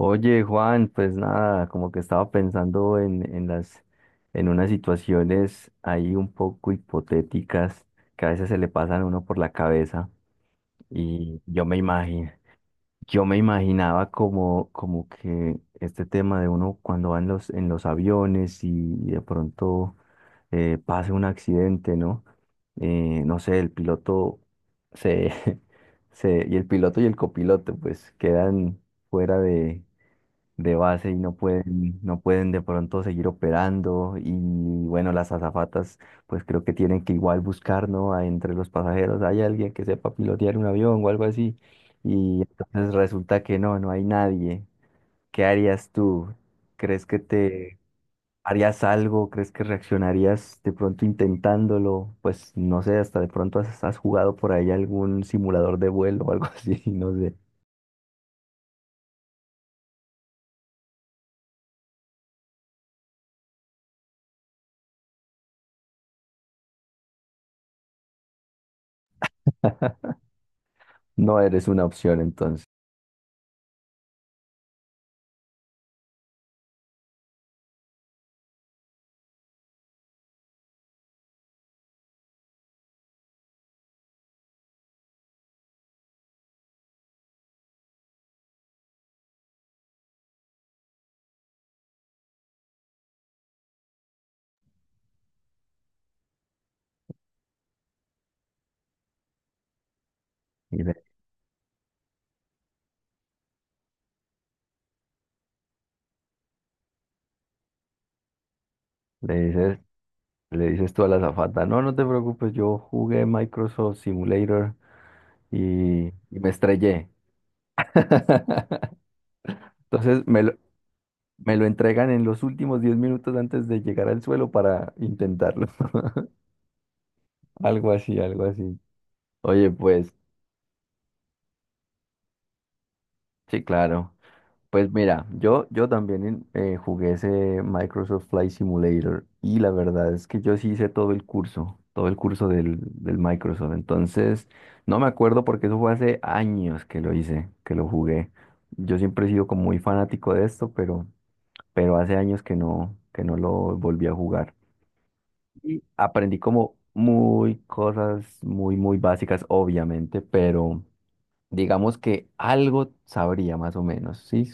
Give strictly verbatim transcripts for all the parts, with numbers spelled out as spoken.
Oye, Juan, pues nada, como que estaba pensando en, en las, en unas situaciones ahí un poco hipotéticas que a veces se le pasan a uno por la cabeza y yo me imagino, yo me imaginaba como, como que este tema de uno cuando va en los, en los aviones y, de pronto eh, pase un accidente, ¿no? Eh, no sé, el piloto se, se, y el piloto y el copiloto pues quedan fuera de base y no pueden, no pueden de pronto seguir operando. Y bueno, las azafatas, pues creo que tienen que igual buscar, ¿no? A- Entre los pasajeros hay alguien que sepa pilotear un avión o algo así. Y entonces resulta que no, no hay nadie. ¿Qué harías tú? ¿Crees que te harías algo? ¿Crees que reaccionarías de pronto intentándolo? Pues no sé, hasta de pronto has, has jugado por ahí algún simulador de vuelo o algo así, no sé. No eres una opción entonces. Y le, le dices Le dices tú a la azafata, no, no te preocupes, yo jugué Microsoft Simulator y, y me estrellé. Entonces me lo, me lo entregan en los últimos diez minutos antes de llegar al suelo para intentarlo. Algo así, algo así. Oye, pues, sí, claro. Pues mira, yo, yo también eh, jugué ese Microsoft Flight Simulator y la verdad es que yo sí hice todo el curso, todo el curso del, del Microsoft. Entonces, no me acuerdo porque eso fue hace años que lo hice, que lo jugué. Yo siempre he sido como muy fanático de esto, pero, pero hace años que no, que no lo volví a jugar. Y aprendí como muy cosas muy, muy básicas, obviamente, pero digamos que algo sabría más o menos, ¿sí?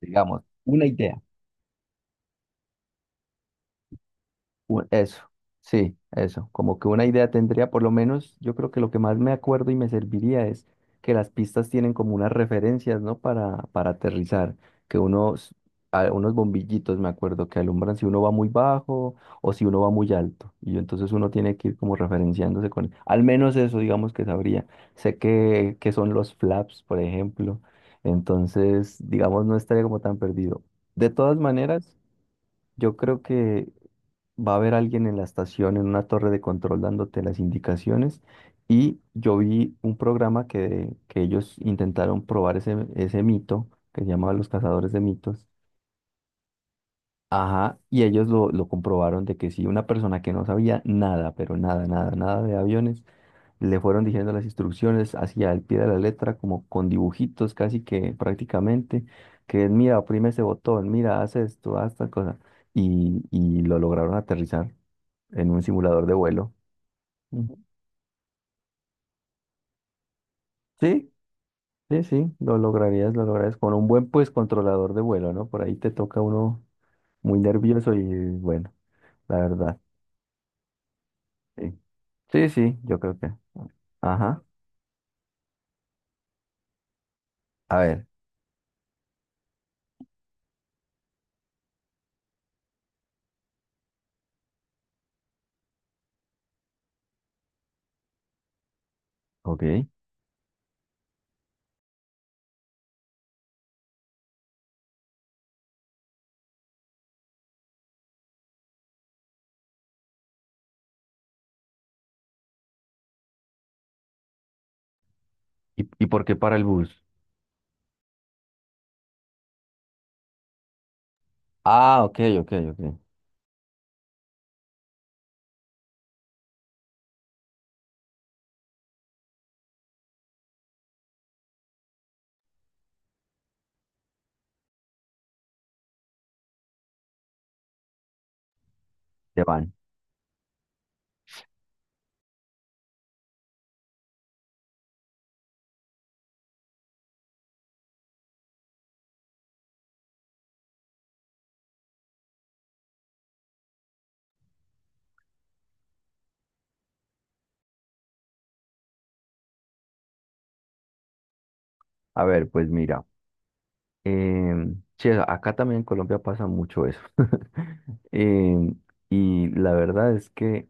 Digamos, una idea. u- Eso, sí, eso. Como que una idea tendría, por lo menos, yo creo que lo que más me acuerdo y me serviría es que las pistas tienen como unas referencias, ¿no? Para, para aterrizar, que unos, a- unos bombillitos, me acuerdo, que alumbran si uno va muy bajo o si uno va muy alto. Y entonces uno tiene que ir como referenciándose con, al menos eso, digamos que sabría. Sé que, que son los flaps, por ejemplo. Entonces, digamos, no estaría como tan perdido. De todas maneras, yo creo que va a haber alguien en la estación, en una torre de control dándote las indicaciones. Y yo vi un programa que, que ellos intentaron probar ese, ese mito, que se llamaba Los Cazadores de Mitos. Ajá, y ellos lo, lo comprobaron de que si una persona que no sabía nada, pero nada, nada, nada de aviones, le fueron diciendo las instrucciones hacia el pie de la letra, como con dibujitos casi que prácticamente, que mira, oprime ese botón, mira, haz esto, haz tal cosa, y, y lo lograron aterrizar en un simulador de vuelo. Ujú. Sí, sí, sí, lo lograrías, lo lograrías con un buen pues controlador de vuelo, ¿no? Por ahí te toca uno muy nervioso y bueno, la verdad. Sí, sí, sí, yo creo que. Ajá. A ver, ok. ¿Y, y por qué para el bus? Ah, ok, ok, ok. Te van. A ver, pues mira. em, sí, acá también en Colombia pasa mucho eso. Em, y la verdad es que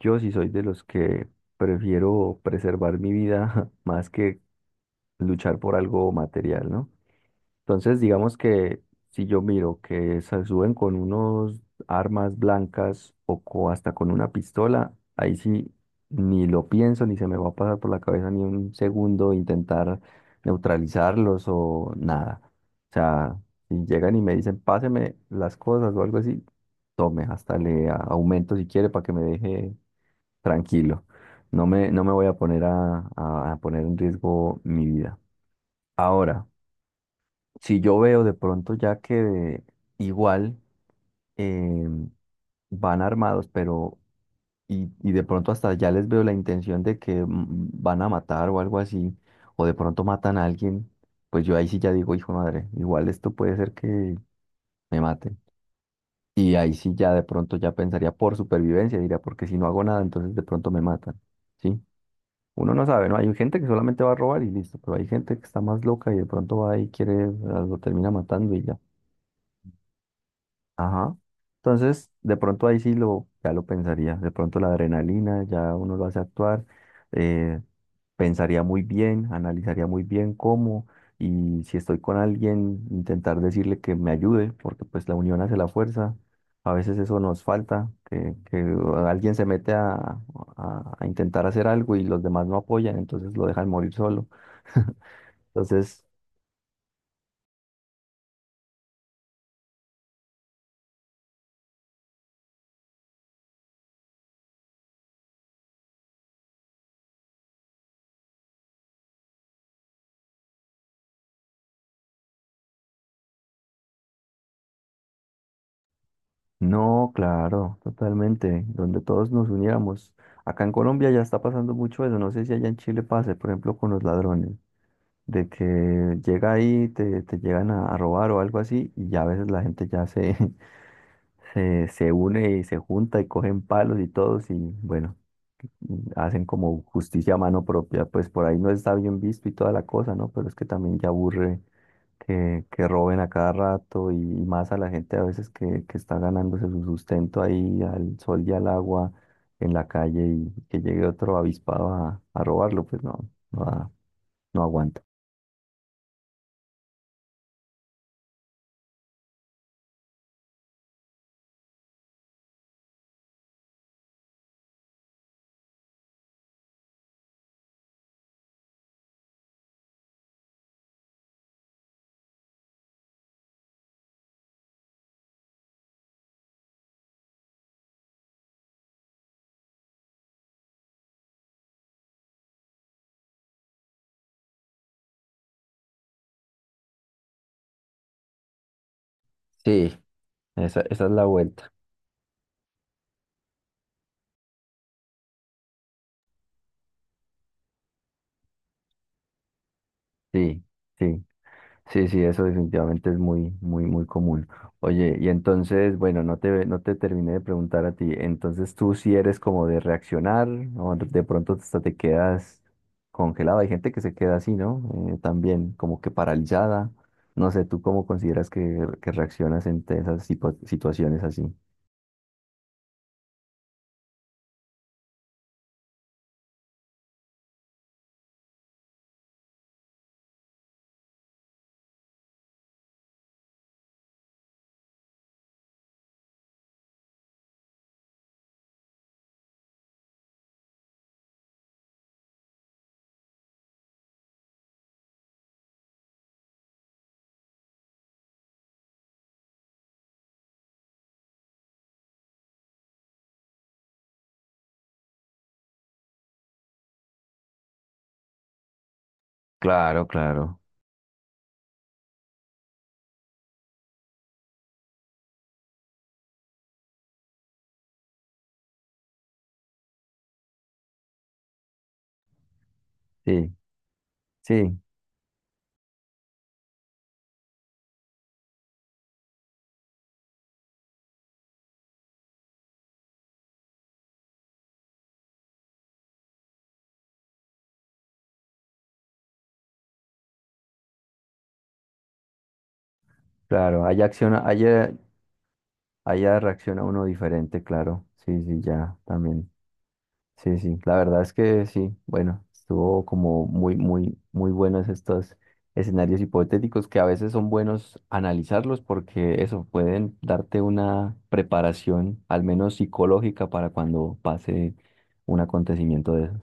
yo sí soy de los que prefiero preservar mi vida más que luchar por algo material, ¿no? Entonces, digamos que si yo miro que se suben con unos armas blancas o co- hasta con una pistola, ahí sí ni lo pienso, ni se me va a pasar por la cabeza ni un segundo intentar neutralizarlos o nada. O sea, si llegan y me dicen, páseme las cosas o algo así, tome, hasta le a- aumento si quiere para que me deje tranquilo. No me, no me voy a poner a, a- a poner en riesgo mi vida. Ahora, si yo veo de pronto ya que igual eh, van armados, pero y, y de pronto hasta ya les veo la intención de que mm, van a matar o algo así, o de pronto matan a alguien, pues yo ahí sí ya digo, hijo de madre, igual esto puede ser que me maten. Y ahí sí ya de pronto ya pensaría por supervivencia, diría, porque si no hago nada, entonces de pronto me matan. ¿Sí? Uno no sabe, ¿no? Hay gente que solamente va a robar y listo, pero hay gente que está más loca y de pronto va y quiere, lo termina matando y ya. Ajá. Entonces, de pronto ahí sí lo, ya lo pensaría. De pronto la adrenalina ya uno lo hace actuar. eh, Pensaría muy bien, analizaría muy bien cómo y si estoy con alguien, intentar decirle que me ayude, porque pues la unión hace la fuerza. A veces eso nos falta, que, que alguien se mete a, a a intentar hacer algo y los demás no apoyan, entonces lo dejan morir solo. Entonces... No, claro, totalmente, donde todos nos uniéramos. Acá en Colombia ya está pasando mucho eso, no sé si allá en Chile pase, por ejemplo, con los ladrones, de que llega ahí, te, te llegan a, a robar o algo así, y ya a veces la gente ya se, se, se une y se junta y cogen palos y todos y bueno, hacen como justicia a mano propia, pues por ahí no está bien visto y toda la cosa, ¿no? Pero es que también ya aburre que, que roben a cada rato y, y más a la gente a veces que, que está ganándose su sustento ahí al sol y al agua en la calle y que llegue otro avispado a, a robarlo, pues no, no, da- no aguanta. Sí, esa, esa es la vuelta. Sí, sí. Sí, sí, eso definitivamente es muy, muy, muy común. Oye, y entonces, bueno, no te, no te terminé de preguntar a ti. Entonces, tú si eres como de reaccionar o de pronto hasta te quedas congelado. Hay gente que se queda así, ¿no? Eh, también como que paralizada. No sé, ¿tú cómo consideras que, que reaccionas en esas sipo- situaciones así? Claro, claro. Sí, sí, claro. Allá acciona, allá, allá reacciona uno diferente, claro. Sí, sí, ya, también. Sí, sí, la verdad es que sí, bueno, estuvo como muy, muy, muy buenos estos escenarios hipotéticos que a veces son buenos analizarlos porque eso pueden darte una preparación, al menos psicológica, para cuando pase un acontecimiento de esos.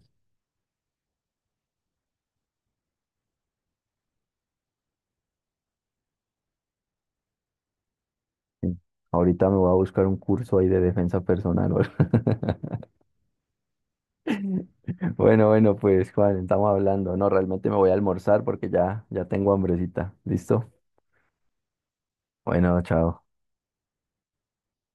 Sí. Ahorita me voy a buscar un curso ahí de defensa personal. O algo. Bueno, bueno, pues Juan, estamos hablando. No, realmente me voy a almorzar porque ya, ya tengo hambrecita. ¿Listo? Bueno, chao.